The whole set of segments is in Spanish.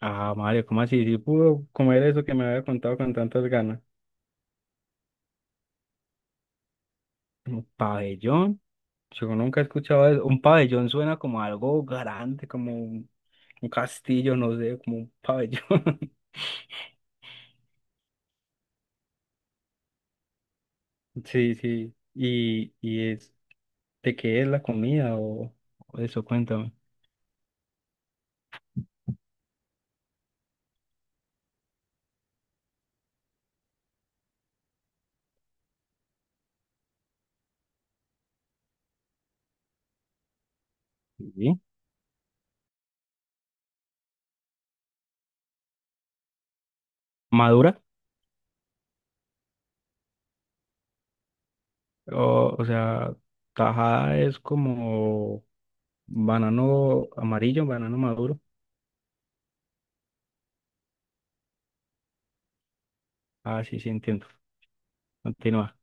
Ah, Mario, ¿cómo así? ¿Sí pudo comer eso que me había contado con tantas ganas? ¿Un pabellón? Yo nunca he escuchado eso. Un pabellón suena como algo grande, como un castillo, no sé, como un pabellón. Sí, sí. ¿Y es de qué es la comida o eso? Cuéntame. ¿Sí? ¿Madura? O sea, tajada es como banano amarillo, banano maduro. Ah, sí, sí, entiendo. Continúa.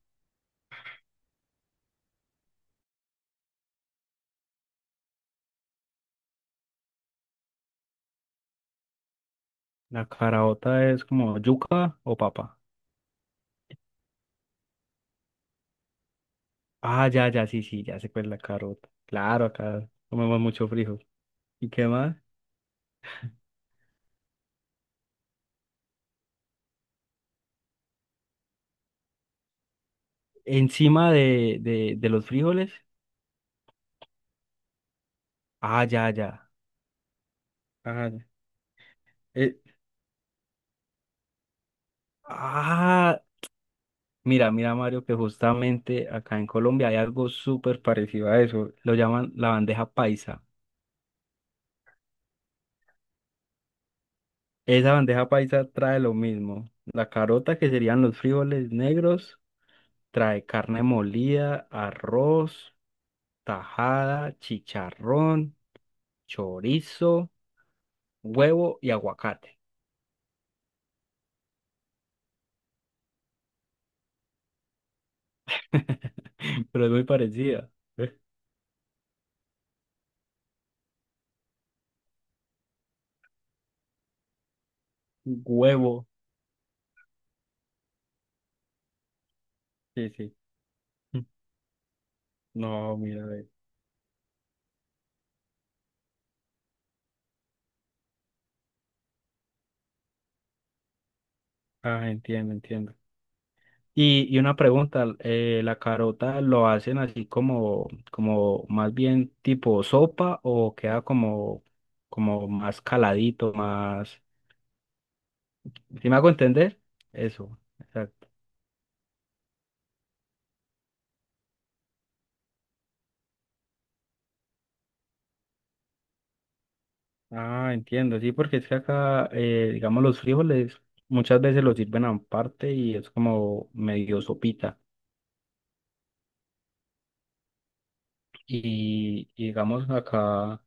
La caraota es como yuca o papa. Ah, ya, ya, sí, sí, ya sé cuál es la carota. Claro, acá comemos mucho frijol. ¿Y qué más? Encima de los frijoles. Ah, ya, ya. Ah, ya. Eh, ah, mira, mira, Mario, que justamente acá en Colombia hay algo súper parecido a eso. Lo llaman la bandeja paisa. Esa bandeja paisa trae lo mismo. La carota, que serían los frijoles negros, trae carne molida, arroz, tajada, chicharrón, chorizo, huevo y aguacate, pero es muy parecida. ¿Eh? Huevo, sí, sí. No, mira, ve. Ah, entiendo, entiendo. Y una pregunta, ¿la carota lo hacen así como, como, más bien tipo sopa o queda como más caladito, más? ¿Sí me hago entender? Eso, exacto. Ah, entiendo, sí, porque es que acá, digamos, los frijoles muchas veces los sirven aparte y es como medio sopita. Y digamos acá,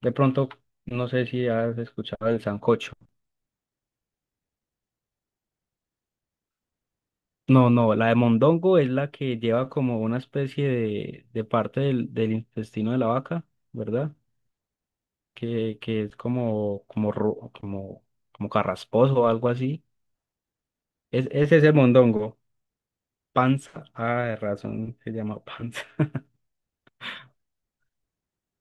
de pronto, no sé si has escuchado el sancocho. No, no, la de mondongo es la que lleva como una especie de parte del, del intestino de la vaca, ¿verdad? Que es como carrasposo o algo así. Ese es el mondongo. Panza. Ah, de razón se llama panza.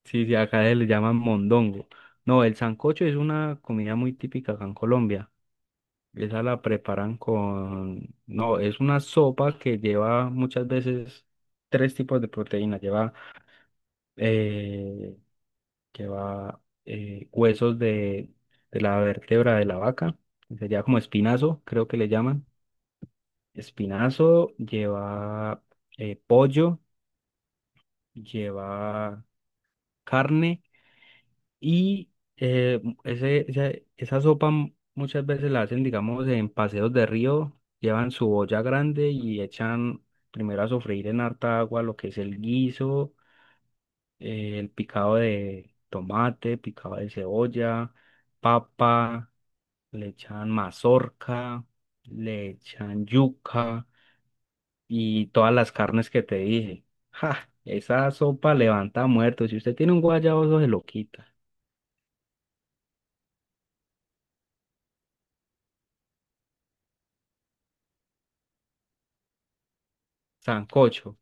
Sí, sí, acá se le llaman mondongo. No, el sancocho es una comida muy típica acá en Colombia. Esa la preparan con. No, es una sopa que lleva muchas veces tres tipos de proteína. Eh, lleva huesos de la vértebra de la vaca, que sería como espinazo, creo que le llaman. Espinazo, lleva pollo, lleva carne y eh, ese, esa, esa sopa muchas veces la hacen, digamos, en paseos de río, llevan su olla grande y echan primero a sofreír en harta agua lo que es el guiso, el picado de tomate, picado de cebolla, papa, le echan mazorca, le echan yuca y todas las carnes que te dije. ¡Ja! Esa sopa levanta muertos. Si usted tiene un guayabozo, se lo quita. Sancocho.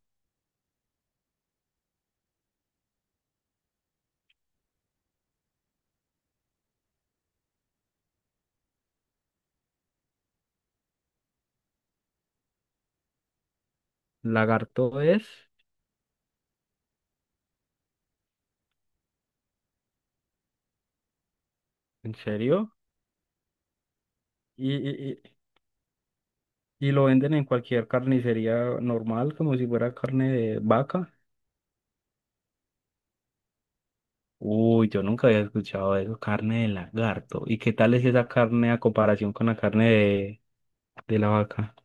Lagarto es, ¿En serio? Y, y, y- y lo venden en cualquier carnicería normal, como si fuera carne de vaca. Uy, yo nunca había escuchado eso, carne de lagarto. ¿Y qué tal es esa carne a comparación con la carne de la vaca?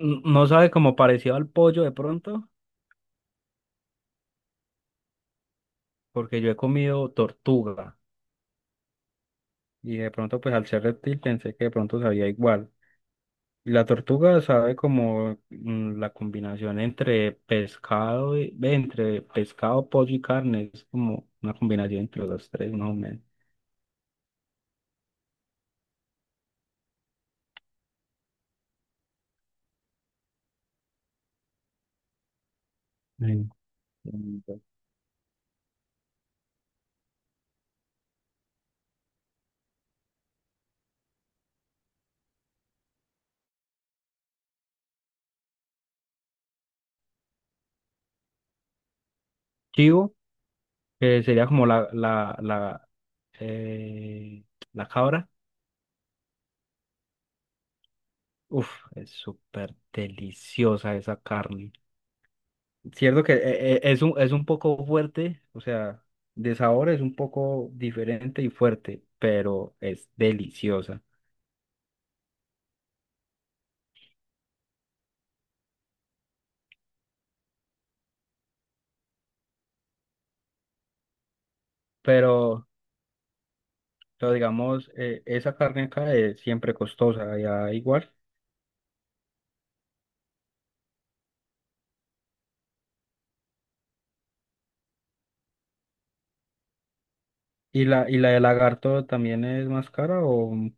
No sabe como parecido al pollo de pronto, porque yo he comido tortuga y de pronto pues al ser reptil pensé que de pronto sabía igual. La tortuga sabe como la combinación entre pescado, ve, entre pescado, pollo y carne, es como una combinación entre los tres, más o menos. Mm. Entiendo. Chivo, que sería como eh, la cabra. Uf, es súper deliciosa esa carne. Cierto que es un poco fuerte, o sea, de sabor es un poco diferente y fuerte, pero es deliciosa. Pero entonces digamos, esa carne acá es siempre costosa, allá igual. ¿Y la de lagarto también es más cara o? ¿Mm?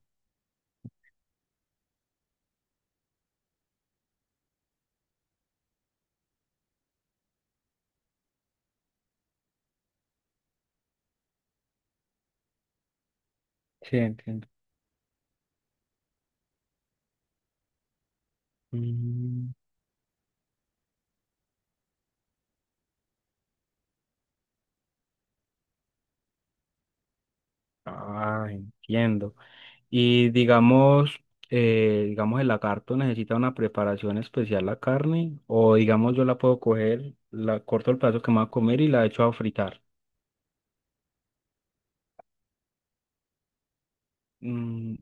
Sí, entiendo. Mm, ah, entiendo. Y digamos, el lagarto necesita una preparación especial la carne, o digamos, yo la puedo coger, la corto el pedazo que me va a comer y la echo a fritar. Mm,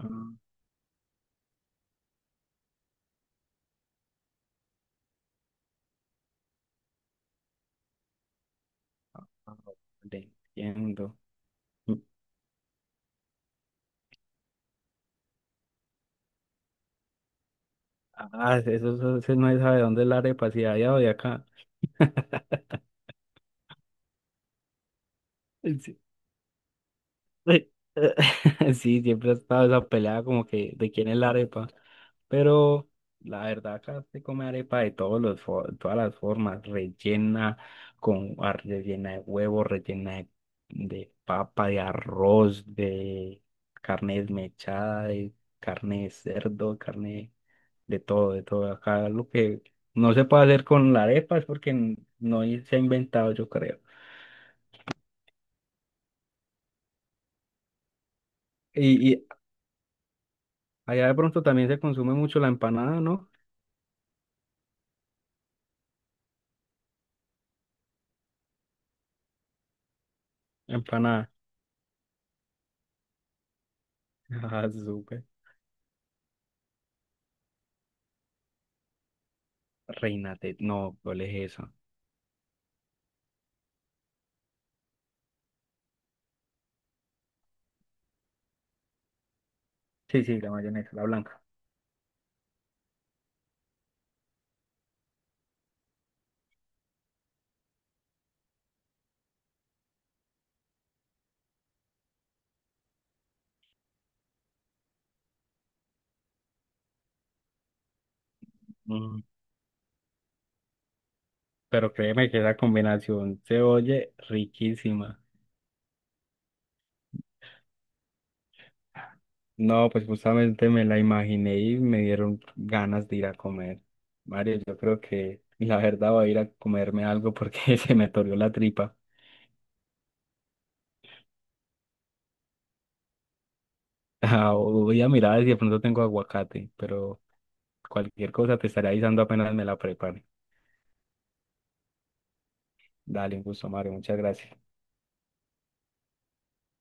ah, ah, ah, vale, entiendo. Mm, Ah, eso no se sabe dónde es la arepa, si de allá o de acá. Sí, sí, siempre ha estado esa pelea como que de quién es la arepa. Pero la verdad acá se come arepa de todas las formas, rellena de huevo, rellena de papa, de arroz, de carne desmechada, de carne de cerdo, carne de todo, de todo. Acá lo que no se puede hacer con la arepa es porque no se ha inventado, yo creo. Y allá de pronto también se consume mucho la empanada, ¿no? Empanada. Ah, súper. Reina Tet. No, ¿cuál es eso? Sí, sí, la mayonesa, la blanca. Mm, Pero créeme que esa combinación se oye riquísima. No, pues justamente me la imaginé y me dieron ganas de ir a comer. Mario, yo creo que la verdad voy a ir a comerme algo porque se me atorió la tripa. Ah, voy a mirar si de pronto tengo aguacate, pero cualquier cosa te estaré avisando apenas me la prepare. Dale, un gusto, Mario. Muchas gracias.